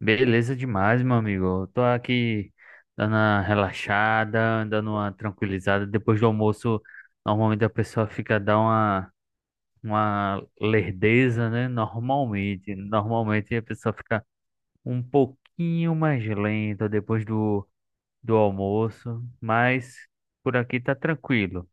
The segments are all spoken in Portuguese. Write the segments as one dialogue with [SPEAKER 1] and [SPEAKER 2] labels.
[SPEAKER 1] Beleza demais, meu amigo. Eu tô aqui dando uma relaxada, dando uma tranquilizada. Depois do almoço, normalmente a pessoa fica dando uma lerdeza, né? Normalmente. Normalmente a pessoa fica um pouquinho mais lenta depois do almoço, mas por aqui tá tranquilo.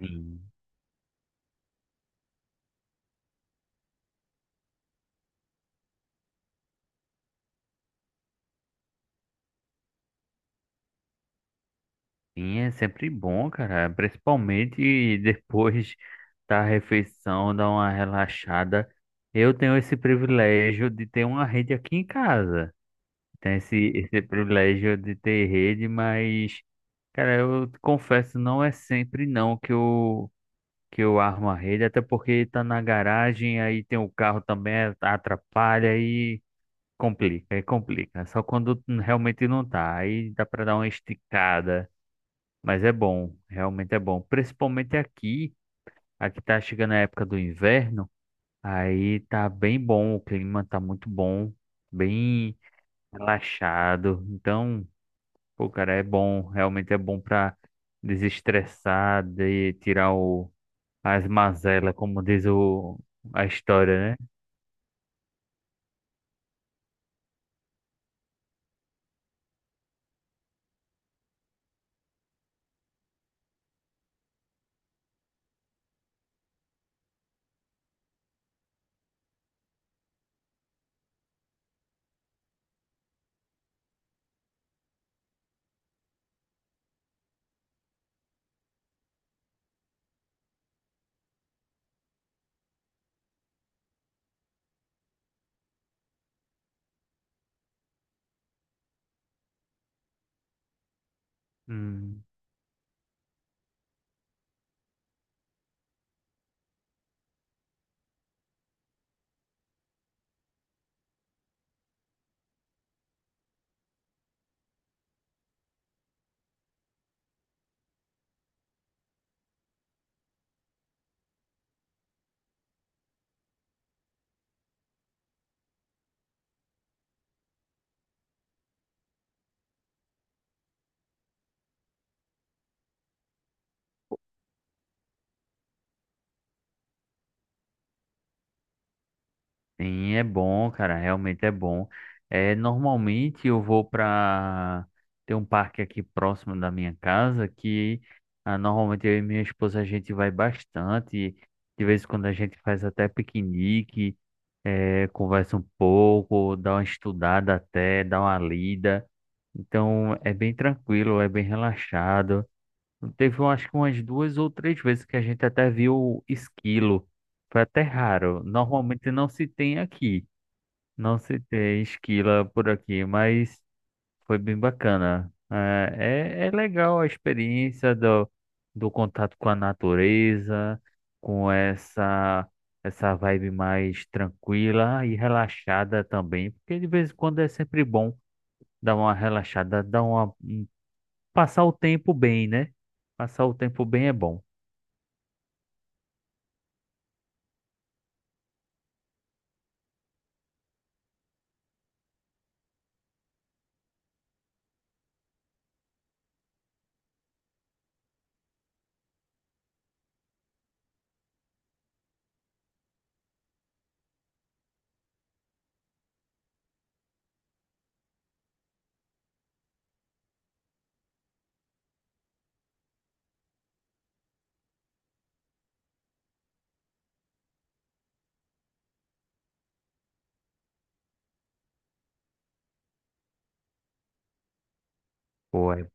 [SPEAKER 1] Sim. Sim, é sempre bom, cara. Principalmente depois da refeição, dar uma relaxada. Eu tenho esse privilégio de ter uma rede aqui em casa. Tenho esse privilégio de ter rede, mas, cara, eu confesso, não é sempre não que eu armo a rede, até porque tá na garagem, aí tem o carro também, atrapalha e complica, e complica. Só quando realmente não tá. Aí dá pra dar uma esticada. Mas é bom, realmente é bom. Principalmente aqui, aqui tá chegando a época do inverno, aí tá bem bom, o clima tá muito bom, bem relaxado. Então, pô, cara, é bom, realmente é bom pra desestressar, de tirar as mazelas, como diz a história, né? Hum. Sim, é bom, cara, realmente é bom. É, normalmente eu vou para tem um parque aqui próximo da minha casa que ah, normalmente eu e minha esposa a gente vai bastante. De vez em quando a gente faz até piquenique, é, conversa um pouco, dá uma estudada até, dá uma lida. Então é bem tranquilo, é bem relaxado. Teve eu acho que umas duas ou três vezes que a gente até viu esquilo. Foi até raro. Normalmente não se tem aqui. Não citei esquila por aqui, mas foi bem bacana. Ah, é, é legal a experiência do contato com a natureza, com essa vibe mais tranquila e relaxada também, porque de vez em quando é sempre bom dar uma relaxada, passar o tempo bem, né? Passar o tempo bem é bom. Pô, é...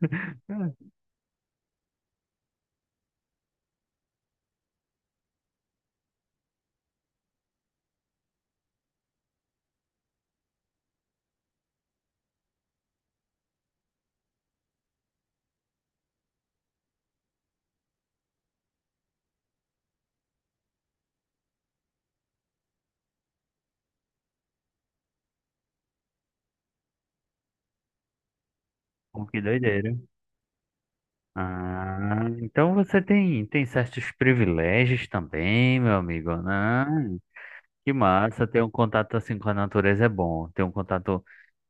[SPEAKER 1] Pô, que doideira. Ah, então você tem, tem certos privilégios também, meu amigo, né? Que massa, ter um contato assim com a natureza é bom. Ter um contato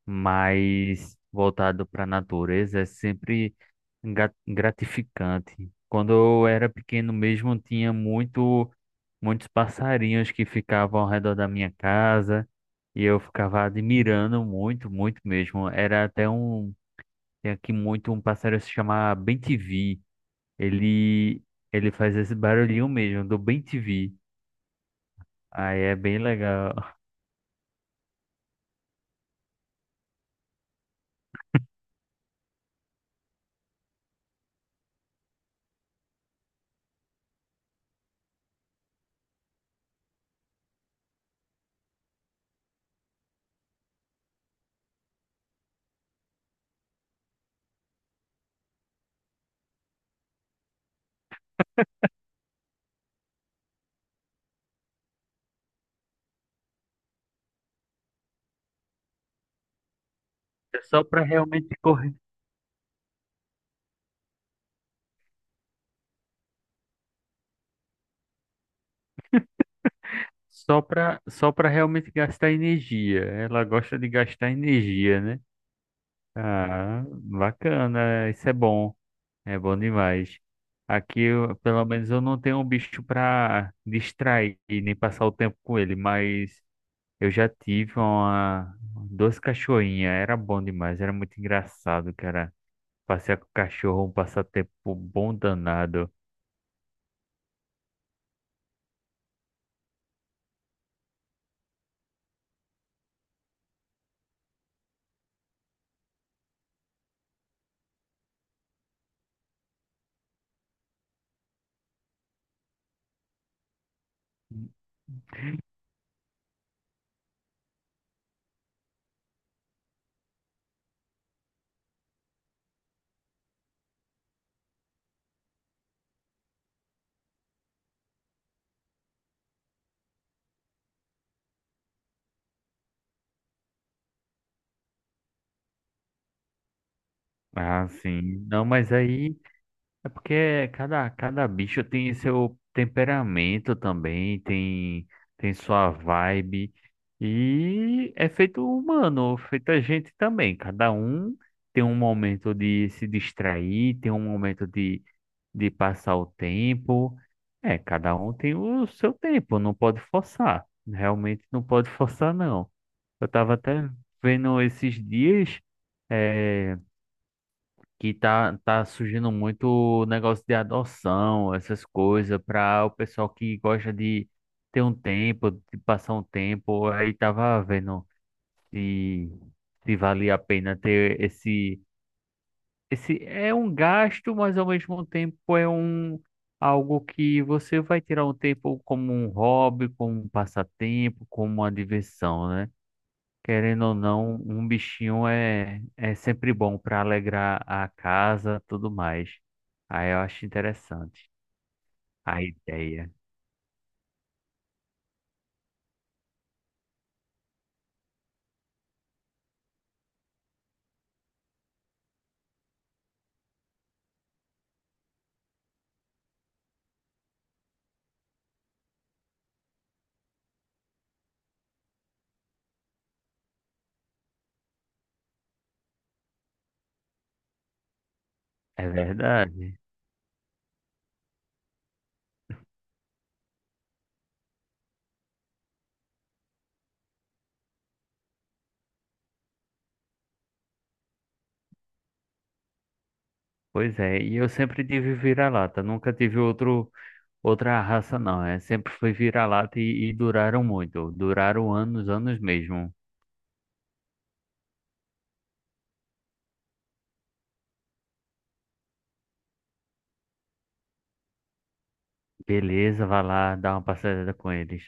[SPEAKER 1] mais voltado para a natureza é sempre gratificante. Quando eu era pequeno mesmo, tinha muito, muitos passarinhos que ficavam ao redor da minha casa e eu ficava admirando muito, muito mesmo. Era até um, tem aqui muito um passarinho que se chama bem ele, ele faz esse barulhinho mesmo, do bem TV. Aí é bem legal. É só pra realmente correr. Só só pra realmente gastar energia. Ela gosta de gastar energia, né? Ah, bacana. Isso é bom. É bom demais. Aqui, pelo menos, eu não tenho um bicho pra distrair nem passar o tempo com ele, mas eu já tive uma, duas cachorrinhas. Era bom demais, era muito engraçado, cara. Passear com o cachorro é um passatempo bom danado. Ah, sim. Não, mas aí é porque cada bicho tem seu temperamento também, tem, tem sua vibe. E é feito humano, feito a gente também. Cada um tem um momento de se distrair, tem um momento de passar o tempo. É, cada um tem o seu tempo, não pode forçar. Realmente não pode forçar, não. Eu estava até vendo esses dias é, que tá surgindo muito o negócio de adoção, essas coisas, para o pessoal que gosta de ter um tempo, de passar um tempo. Aí tava vendo se, se valia a pena ter esse é um gasto, mas ao mesmo tempo é um algo que você vai tirar um tempo como um hobby, como um passatempo, como uma diversão, né? Querendo ou não, um bichinho é, é sempre bom para alegrar a casa, tudo mais. Aí eu acho interessante a ideia. É verdade. Pois é, e eu sempre tive vira-lata, nunca tive outro outra raça não, é, sempre foi vira-lata e duraram muito, duraram anos, anos mesmo. Beleza, vai lá dar uma passeada com eles.